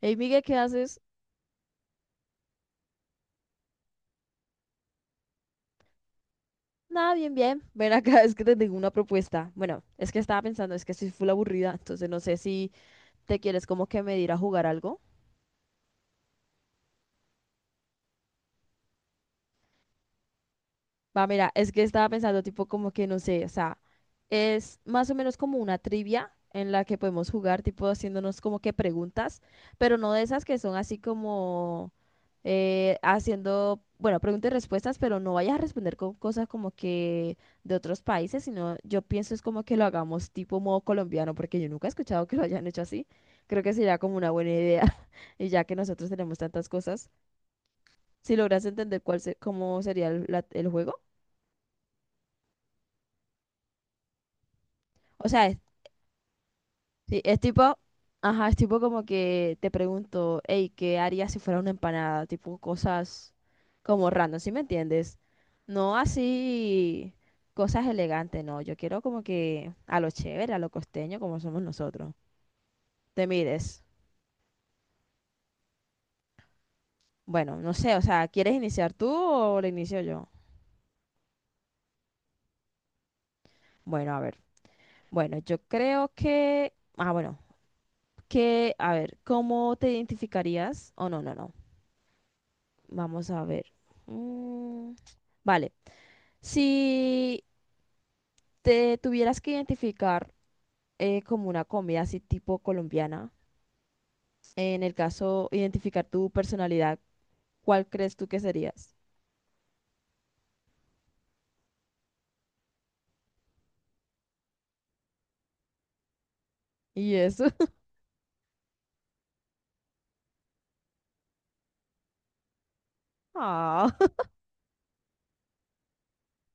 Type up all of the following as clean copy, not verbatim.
Hey Miguel, ¿qué haces? Nada, bien, bien. Ven acá, es que te tengo una propuesta. Bueno, es que estaba pensando, es que estoy full aburrida, entonces no sé si te quieres como que medir a jugar algo. Va, mira, es que estaba pensando tipo como que no sé, o sea, es más o menos como una trivia en la que podemos jugar, tipo haciéndonos como que preguntas, pero no de esas que son así como haciendo, bueno, preguntas y respuestas, pero no vayas a responder con cosas como que de otros países, sino yo pienso es como que lo hagamos tipo modo colombiano, porque yo nunca he escuchado que lo hayan hecho así. Creo que sería como una buena idea, y ya que nosotros tenemos tantas cosas, si logras entender cómo sería el juego. O sea, sí, es tipo, ajá, es tipo como que te pregunto, hey, ¿qué harías si fuera una empanada? Tipo cosas como random, ¿sí me entiendes? No así cosas elegantes, no. Yo quiero como que a lo chévere, a lo costeño, como somos nosotros. Te mires. Bueno, no sé, o sea, ¿quieres iniciar tú o lo inicio yo? Bueno, a ver. Bueno, yo creo que, ah, bueno, que, a ver, ¿cómo te identificarías? Oh, no, no, no. Vamos a ver. Mm, vale. Si te tuvieras que identificar como una comida así tipo colombiana, en el caso identificar tu personalidad, ¿cuál crees tú que serías? Y eso. Ah,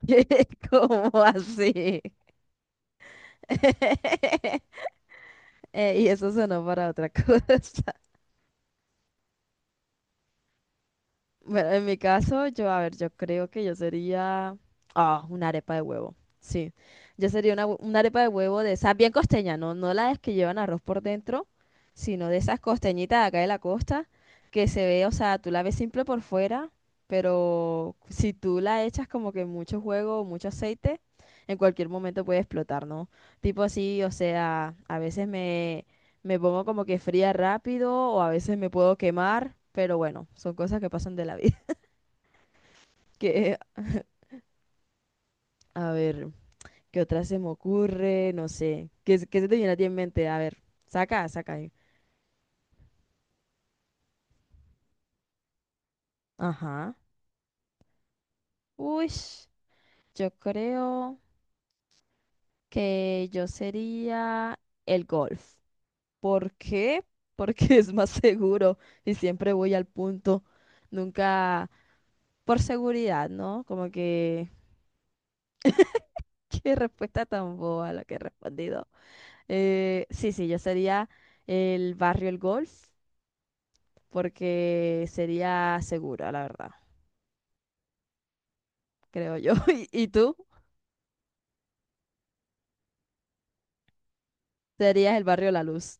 ¿cómo así? Y eso sonó para otra cosa. Bueno, en mi caso, yo, a ver, yo creo que yo sería, ah, una arepa de huevo, sí. Yo sería una, una arepa de huevo de esas bien costeñas, no, no las que llevan arroz por dentro, sino de esas costeñitas de acá de la costa, que se ve, o sea, tú la ves simple por fuera, pero si tú la echas como que mucho juego, mucho aceite, en cualquier momento puede explotar, ¿no? Tipo así, o sea, a veces me pongo como que fría rápido o a veces me puedo quemar, pero bueno, son cosas que pasan de la vida. Que, a ver, ¿qué otra se me ocurre? No sé. ¿Qué, qué se te viene a ti en mente? A ver, saca. Ahí. Ajá. Uy, yo creo que yo sería el golf. ¿Por qué? Porque es más seguro y siempre voy al punto. Nunca por seguridad, ¿no? Como que, qué respuesta tan boba la que he respondido. Sí, sí, yo sería el barrio El Golf porque sería segura, la verdad, creo yo. Y, y tú serías el barrio La Luz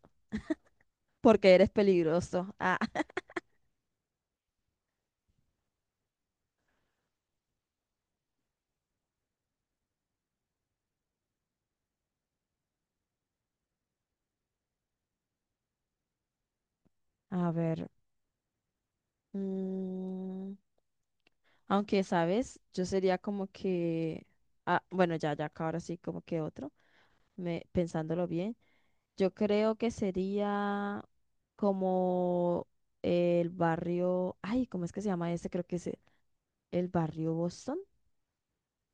porque eres peligroso. Ah, a ver. Mm, aunque, ¿sabes? Yo sería como que, ah, bueno, ya, ya, acá ahora sí, como que otro, me, pensándolo bien, yo creo que sería como el barrio, ay, ¿cómo es que se llama ese? Creo que es el barrio Boston,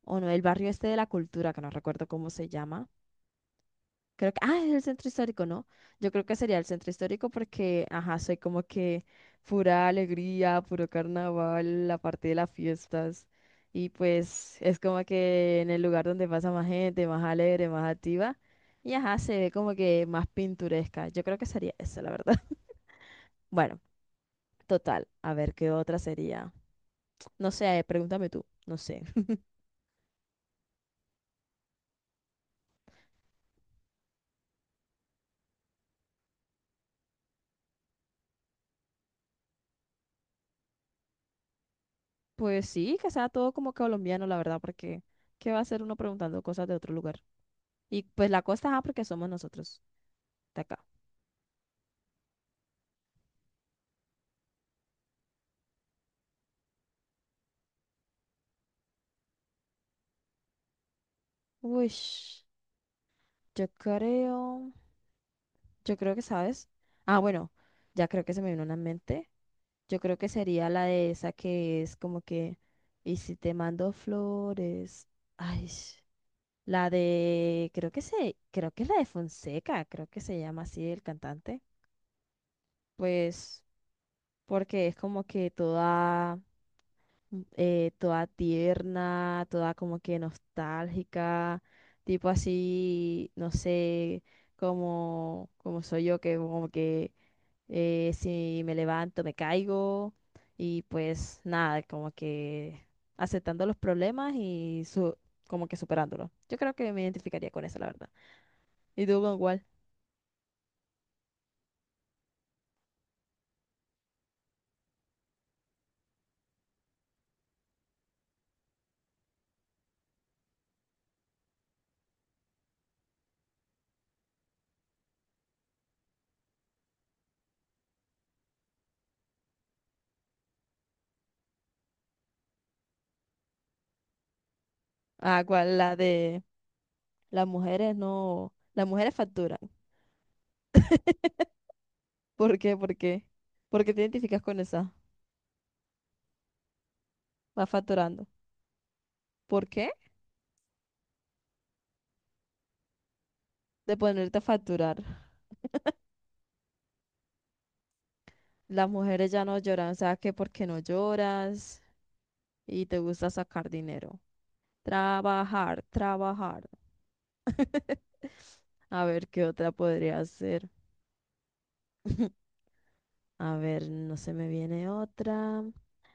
o no, el barrio este de la cultura, que no recuerdo cómo se llama. Creo que, ah, es el centro histórico, ¿no? Yo creo que sería el centro histórico porque, ajá, soy como que pura alegría, puro carnaval, la parte de las fiestas. Y pues es como que en el lugar donde pasa más gente, más alegre, más activa. Y ajá, se ve como que más pintoresca. Yo creo que sería eso, la verdad. Bueno, total. A ver, ¿qué otra sería? No sé, pregúntame tú. No sé. Pues sí, que sea todo como colombiano, la verdad, porque ¿qué va a hacer uno preguntando cosas de otro lugar? Y pues la costa, ah, porque somos nosotros de acá. Uy, yo creo, yo creo que sabes. Ah, bueno, ya creo que se me vino una en mente. Yo creo que sería la de esa que es como que, y si te mando flores. Ay, la de, creo que se, creo que es la de Fonseca, creo que se llama así el cantante. Pues, porque es como que toda toda tierna, toda como que nostálgica, tipo así, no sé, como, como soy yo, que como que si me levanto me caigo y pues nada, como que aceptando los problemas y como que superándolos. Yo creo que me identificaría con eso, la verdad. ¿Y tú con cuál? Ah, ¿cuál? La de las mujeres no, las mujeres facturan. ¿Por qué? ¿Por qué? ¿Por qué te identificas con esa? Vas facturando. ¿Por qué? De ponerte a facturar. Las mujeres ya no lloran, o sea que porque no lloras y te gusta sacar dinero. Trabajar, trabajar. A ver qué otra podría ser. A ver, no se me viene otra.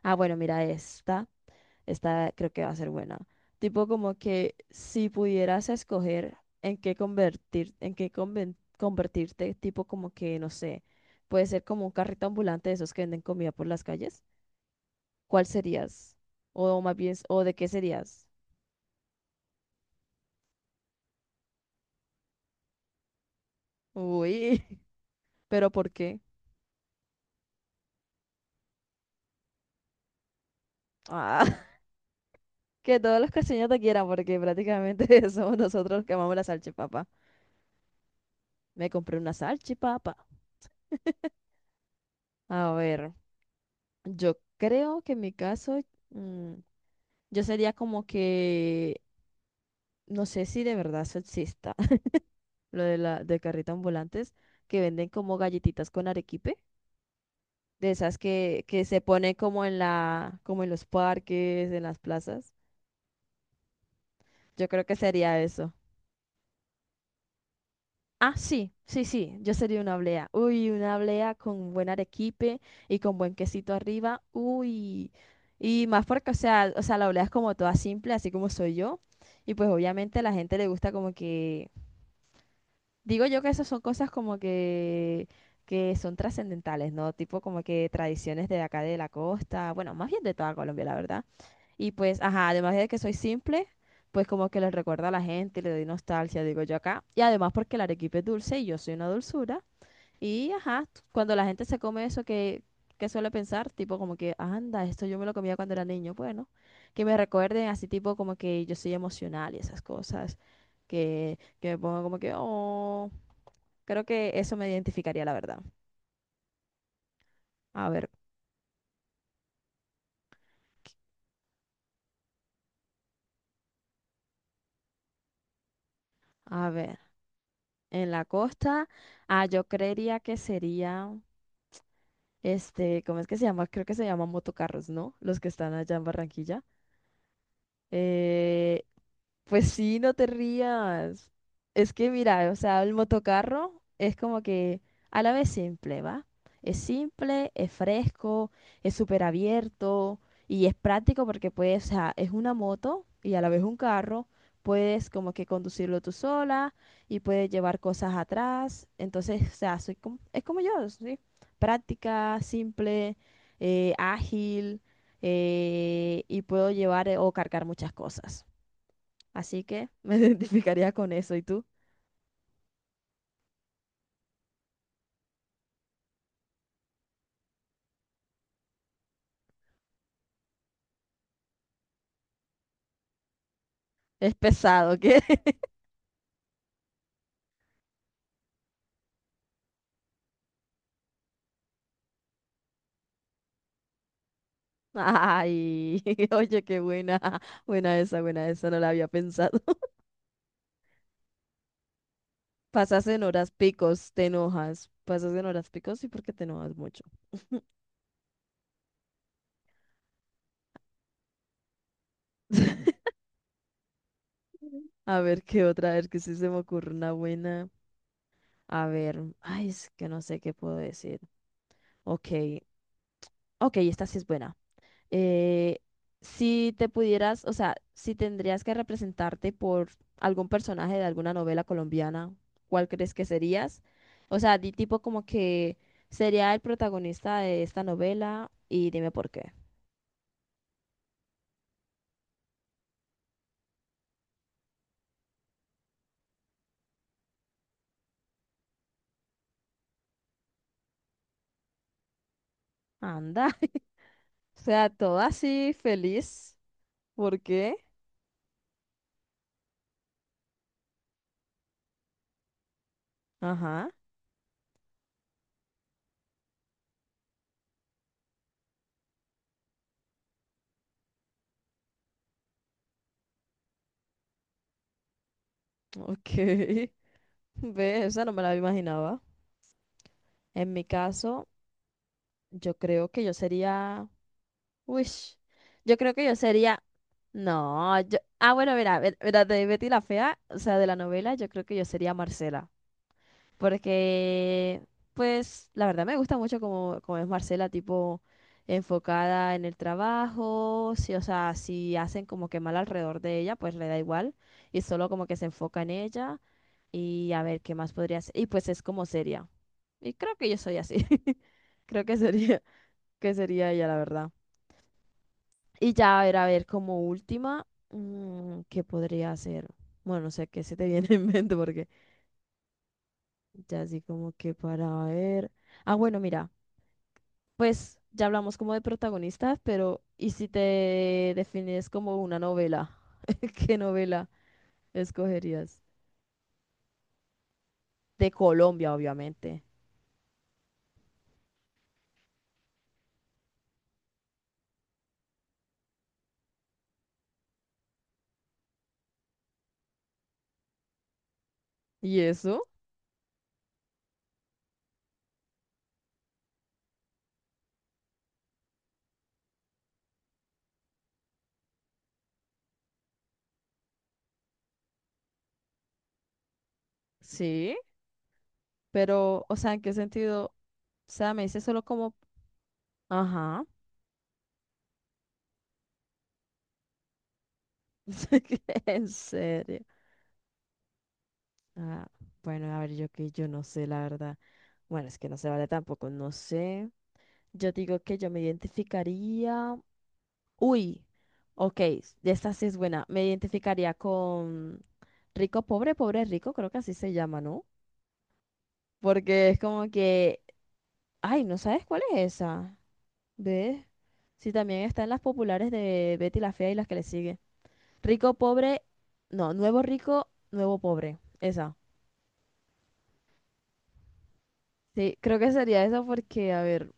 Ah, bueno, mira esta. Esta creo que va a ser buena. Tipo como que si pudieras escoger en qué convertir, en convertirte, tipo como que, no sé, puede ser como un carrito ambulante de esos que venden comida por las calles. ¿Cuál serías? O más bien, ¿o de qué serías? Uy, pero ¿por qué? Ah, que todos los costeños te quieran, porque prácticamente somos nosotros los que amamos la salchipapa. Me compré una salchipapa. A ver, yo creo que en mi caso, mm, yo sería como que, no sé si de verdad eso exista, lo de la de carrito ambulantes, que venden como galletitas con arequipe, de esas que se pone como en la, como en los parques, en las plazas. Yo creo que sería eso. Ah, sí, sí, sí, yo sería una blea. Uy, una blea con buen arequipe y con buen quesito arriba. Uy. Y más porque, o sea, la blea es como toda simple, así como soy yo. Y pues obviamente a la gente le gusta como que digo yo que esas son cosas como que son trascendentales, ¿no? Tipo como que tradiciones de acá de la costa, bueno, más bien de toda Colombia, la verdad. Y pues, ajá, además de que soy simple, pues como que les recuerda a la gente, le doy nostalgia, digo yo acá. Y además porque el arequipe es dulce y yo soy una dulzura. Y ajá, cuando la gente se come eso que suele pensar, tipo como que, anda, esto yo me lo comía cuando era niño, bueno, que me recuerden así tipo como que yo soy emocional y esas cosas, que me pongan como que, oh. Creo que eso me identificaría, la verdad. A ver, a ver. En la costa, ah, yo creería que sería, este, ¿cómo es que se llama? Creo que se llaman motocarros, ¿no? Los que están allá en Barranquilla. Eh, Pues sí, no te rías. Es que mira, o sea, el motocarro es como que a la vez simple, ¿va? Es simple, es fresco, es súper abierto y es práctico porque puedes, o sea, es una moto y a la vez un carro, puedes como que conducirlo tú sola y puedes llevar cosas atrás. Entonces, o sea, soy como, es como yo, ¿sí? Práctica, simple, ágil y puedo llevar o cargar muchas cosas. Así que me identificaría con eso. ¿Y tú? Es pesado, ¿qué? Ay, oye, qué buena. Buena esa, no la había pensado. Pasas en horas picos, te enojas. Pasas en horas picos, sí, porque te enojas mucho. A ver qué otra, a ver que sí se me ocurre una buena. A ver, ay, es que no sé qué puedo decir. Ok, ok, esta sí es buena. eh, si te pudieras, o sea, si tendrías que representarte por algún personaje de alguna novela colombiana, ¿cuál crees que serías? O sea, di tipo como que sería el protagonista de esta novela y dime por qué. Anda, o sea, todo así feliz. ¿Por qué? Ajá, ok. Ve, esa no me la imaginaba. En mi caso, yo creo que yo sería. Uy, yo creo que yo sería. No, yo. Ah, bueno, mira, mira, de Betty la Fea, o sea, de la novela, yo creo que yo sería Marcela. Porque, pues, la verdad me gusta mucho como, como es Marcela, tipo, enfocada en el trabajo. Sí, o sea, si hacen como que mal alrededor de ella, pues le da igual. Y solo como que se enfoca en ella. Y a ver qué más podría hacer. Y pues es como seria. Y creo que yo soy así. Creo que sería ella, la verdad. Y ya, a ver, como última, mm, ¿qué podría hacer? Bueno, no sé qué se te viene en mente porque ya así como que para ver. Ah, bueno, mira, pues ya hablamos como de protagonistas, pero ¿y si te defines como una novela? ¿Qué novela escogerías? De Colombia, obviamente. ¿Y eso? Sí, pero, o sea, ¿en qué sentido? O sea, me dice solo como, ajá, ¿en serio? Ah, bueno, a ver, yo que yo no sé, la verdad. Bueno, es que no se vale tampoco, no sé. Yo digo que yo me identificaría. Uy, ok, esta sí es buena. Me identificaría con rico, pobre, pobre, rico, creo que así se llama, ¿no? Porque es como que, ay, ¿no sabes cuál es esa? ¿Ves? Sí, también está en las populares de Betty la Fea y las que le siguen. Rico, pobre, no, nuevo rico, nuevo pobre. Esa. Sí, creo que sería eso porque, a ver,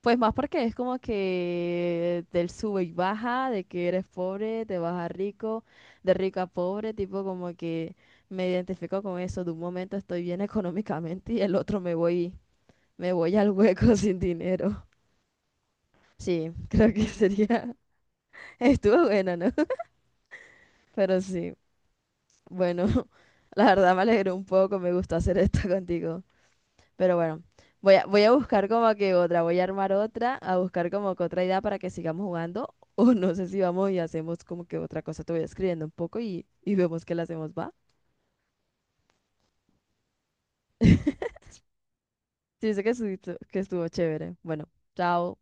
pues más porque es como que del sube y baja, de que eres pobre, te vas a rico, de rico a pobre, tipo como que me identifico con eso, de un momento estoy bien económicamente y el otro me voy al hueco sin dinero. Sí, creo que sería, estuvo bueno, ¿no? Pero sí, bueno, la verdad me alegró un poco, me gustó hacer esto contigo. Pero bueno, voy a, voy a buscar como que otra, voy a armar otra, a buscar como que otra idea para que sigamos jugando. O no sé si vamos y hacemos como que otra cosa. Te voy escribiendo un poco y vemos qué la hacemos, ¿va? Sí, sé que estuvo chévere. Bueno, chao.